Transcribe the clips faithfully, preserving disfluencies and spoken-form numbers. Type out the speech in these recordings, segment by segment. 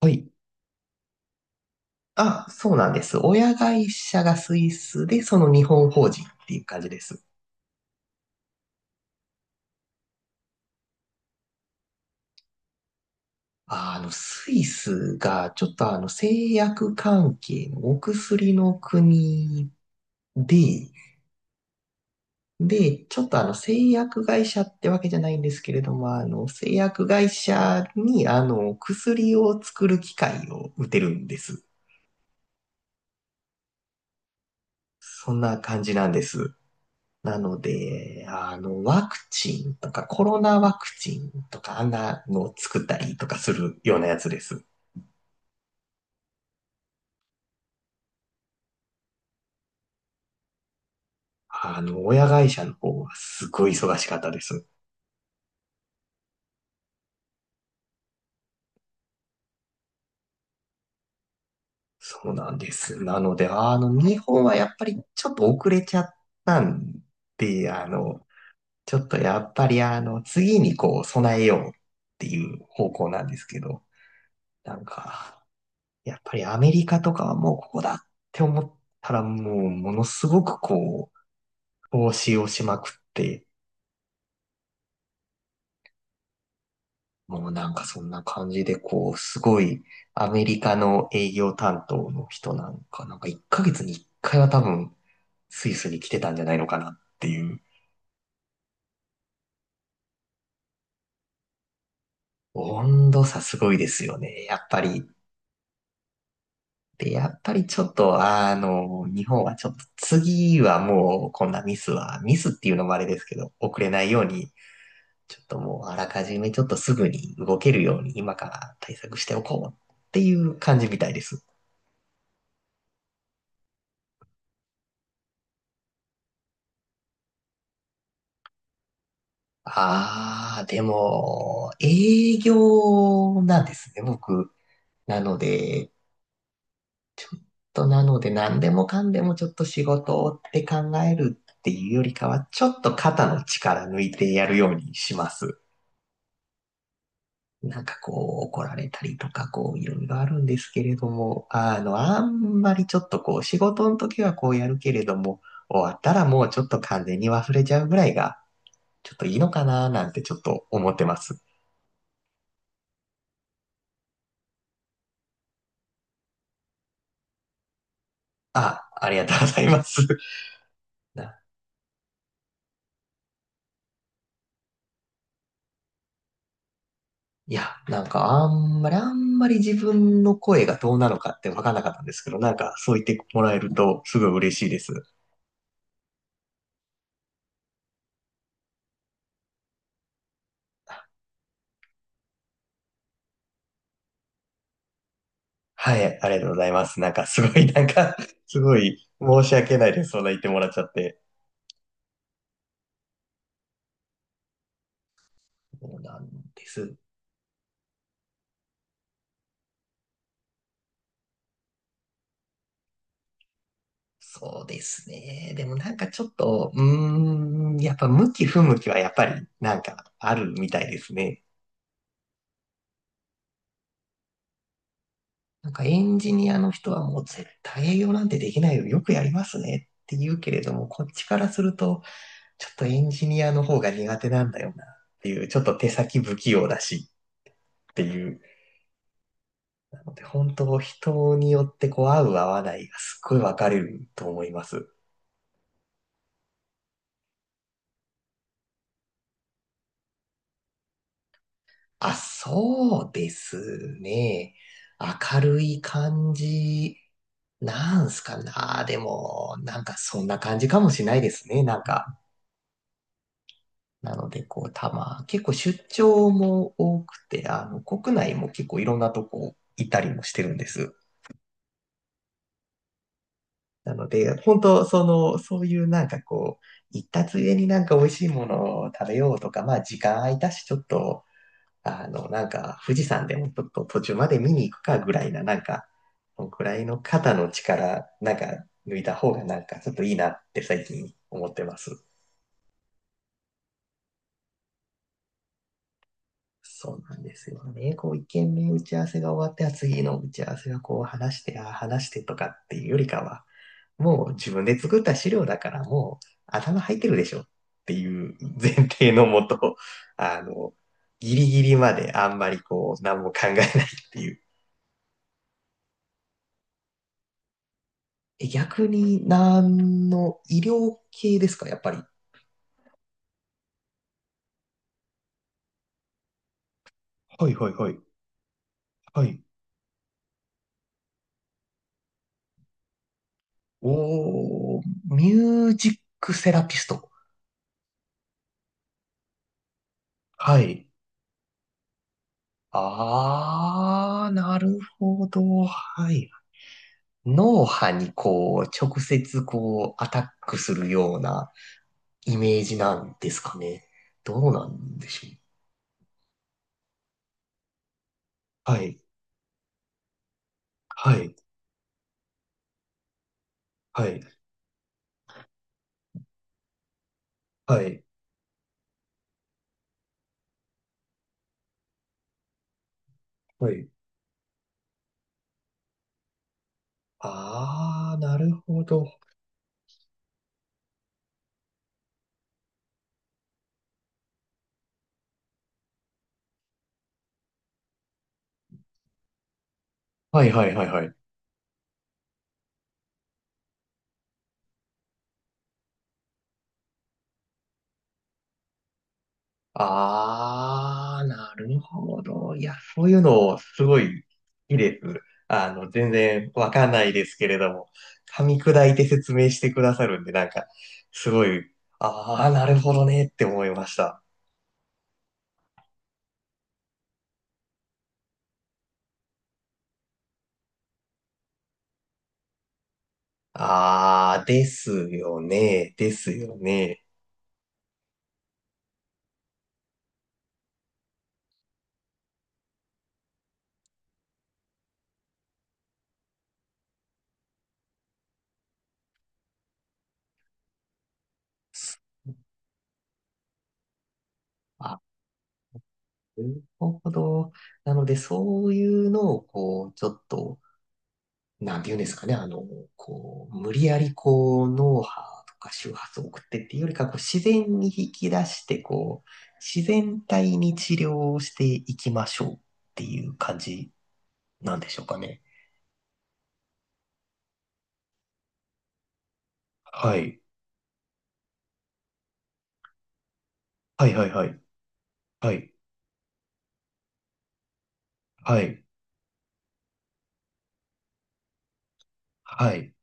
はい。あ、そうなんです。親会社がスイスで、その日本法人っていう感じです。あの、スイスが、ちょっとあの、製薬関係のお薬の国で、で、ちょっとあの、製薬会社ってわけじゃないんですけれども、あの、製薬会社に、あの、薬を作る機械を打てるんです。そんな感じなんです。なので、あの、ワクチンとか、コロナワクチンとか、あんなのを作ったりとかするようなやつです。あの、親会社の方はすごい忙しかったです。そうなんです。なので、あの、日本はやっぱりちょっと遅れちゃったんで、あの、ちょっとやっぱりあの、次にこう、備えようっていう方向なんですけど、なんか、やっぱりアメリカとかはもうここだって思ったらもう、ものすごくこう、投資をしまくって、もうなんかそんな感じで、こう、すごいアメリカの営業担当の人なんか、なんかいっかげつにいっかいは多分スイスに来てたんじゃないのかなっていう、温度差すごいですよね、やっぱり。で、やっぱりちょっと、あの、日本はちょっと次はもうこんなミスは、ミスっていうのもあれですけど、遅れないように、ちょっともうあらかじめちょっとすぐに動けるように今から対策しておこうっていう感じみたいです。ああ、でも、営業なんですね、僕。なので、えっと、なので、何でもかんでもちょっと仕事って考えるっていうよりかは、ちょっと肩の力抜いてやるようにします。なんかこう、怒られたりとか、こう、いろいろあるんですけれども、あの、あんまりちょっとこう、仕事の時はこうやるけれども、終わったらもうちょっと完全に忘れちゃうぐらいが、ちょっといいのかな、なんてちょっと思ってます。あ、ありがとうございます。いや、なんかあんまり、あんまり自分の声がどうなのかって分かんなかったんですけど、なんかそう言ってもらえるとすごい嬉しいです。はい、ありがとうございます。なんかすごい、なんか すごい申し訳ないです。そんな言ってもらっちゃって。そうなんです。そうですね。でもなんかちょっと、うーん、やっぱ向き不向きはやっぱりなんかあるみたいですね。なんかエンジニアの人はもう絶対営業なんてできないよ。よくやりますねって言うけれども、こっちからすると、ちょっとエンジニアの方が苦手なんだよなっていう、ちょっと手先不器用だしっていう。なので本当人によってこう合う合わないがすっごい分かれると思います。あ、そうですね。明るい感じなんすかな。でも、なんかそんな感じかもしれないですね。なんか。なので、こう、たま、結構出張も多くて、あの、国内も結構いろんなとこ行ったりもしてるんです。なので、本当、その、そういうなんかこう、行ったついでになんか美味しいものを食べようとか、まあ時間空いたし、ちょっと、あの、なんか富士山でもちょっと途中まで見に行くかぐらいな、なんか、このくらいの肩の力、なんか抜いた方がなんかちょっといいなって最近思ってます。そうなんですよね。こう、一軒目打ち合わせが終わって、あ次の打ち合わせがこう話して、あ話してとかっていうよりかは、もう自分で作った資料だからもう頭入ってるでしょっていう前提のもと、あの、ギリギリまであんまりこう何も考えないっていう。え、逆に何の医療系ですか、やっぱり。はいはいはい。はい。おー、ミュージックセラピスト。はい。あー、なるほど。はい。脳波にこう、直接こう、アタックするようなイメージなんですかね。どうなんでしょう。はい、はい、はい、はい、はい。あー、なるほど。はい、はい、はい、はい。あー、なるほど。いや、そういうの、すごい、いいです。あの、全然わかんないですけれども、噛み砕いて説明してくださるんで、なんか、すごい、あー、なるほどねって思いました。あー、ですよね、ですよね。なるほど。なので、そういうのを、こう、ちょっと、なんて言うんですかね、あの、こう、無理やり、こう、脳波とか周波数を送ってっていうよりか、こう、自然に引き出して、こう、自然体に治療をしていきましょうっていう感じなんでしょうかね。はい。はいはいはい。はい。はい。はい。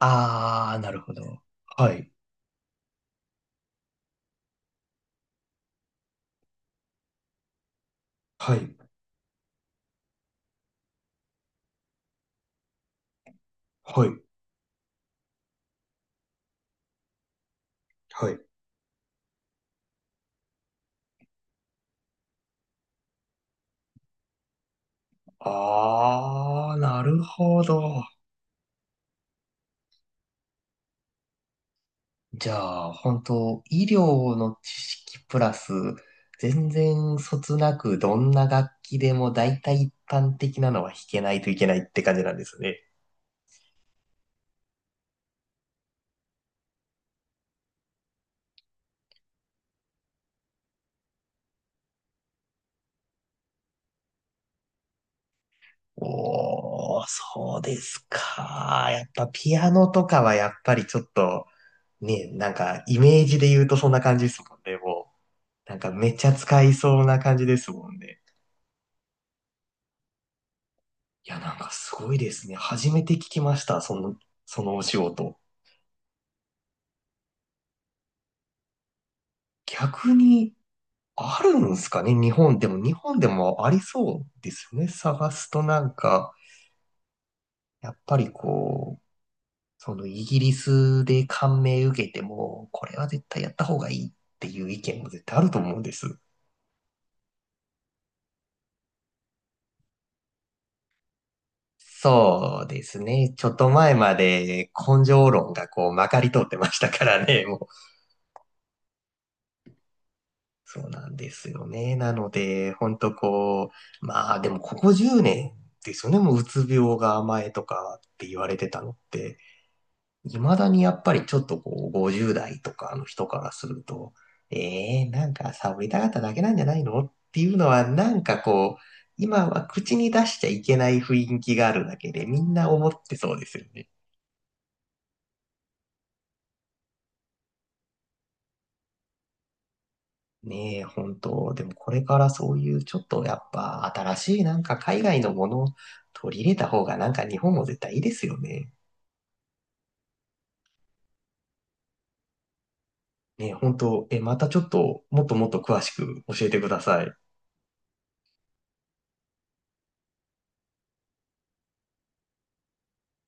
あー、なるほど。はい。はい。はい。はい。あー、なるほど。じゃあ、本当医療の知識プラス、全然そつなくどんな楽器でも大体一般的なのは弾けないといけないって感じなんですね。おー、そうですか。やっぱピアノとかはやっぱりちょっと、ね、なんかイメージで言うとそんな感じですもんね、もう。なんかめっちゃ使いそうな感じですもんね。いや、なんかすごいですね。初めて聞きました、その、そのお仕事。逆に、あるんですかね、日本でも。日本でもありそうですよね。探すとなんか、やっぱりこう、そのイギリスで感銘受けても、これは絶対やった方がいいっていう意見も絶対あると思うんです。そうですね。ちょっと前まで根性論がこうまかり通ってましたからね。もうそうなんですよね。なので、ほんとこう、まあでもここじゅうねんですよね。もううつ病が甘えとかって言われてたのって。未だにやっぱりちょっとこう、ごじゅう代とかの人からすると、えー、なんかサボりたかっただけなんじゃないのっていうのは、なんかこう、今は口に出しちゃいけない雰囲気があるだけで、みんな思ってそうですよね。ねえ、本当。でもこれからそういうちょっとやっぱ新しいなんか海外のものを取り入れた方がなんか日本も絶対いいですよね。ねえ、本当。え、またちょっともっともっと詳しく教えてください。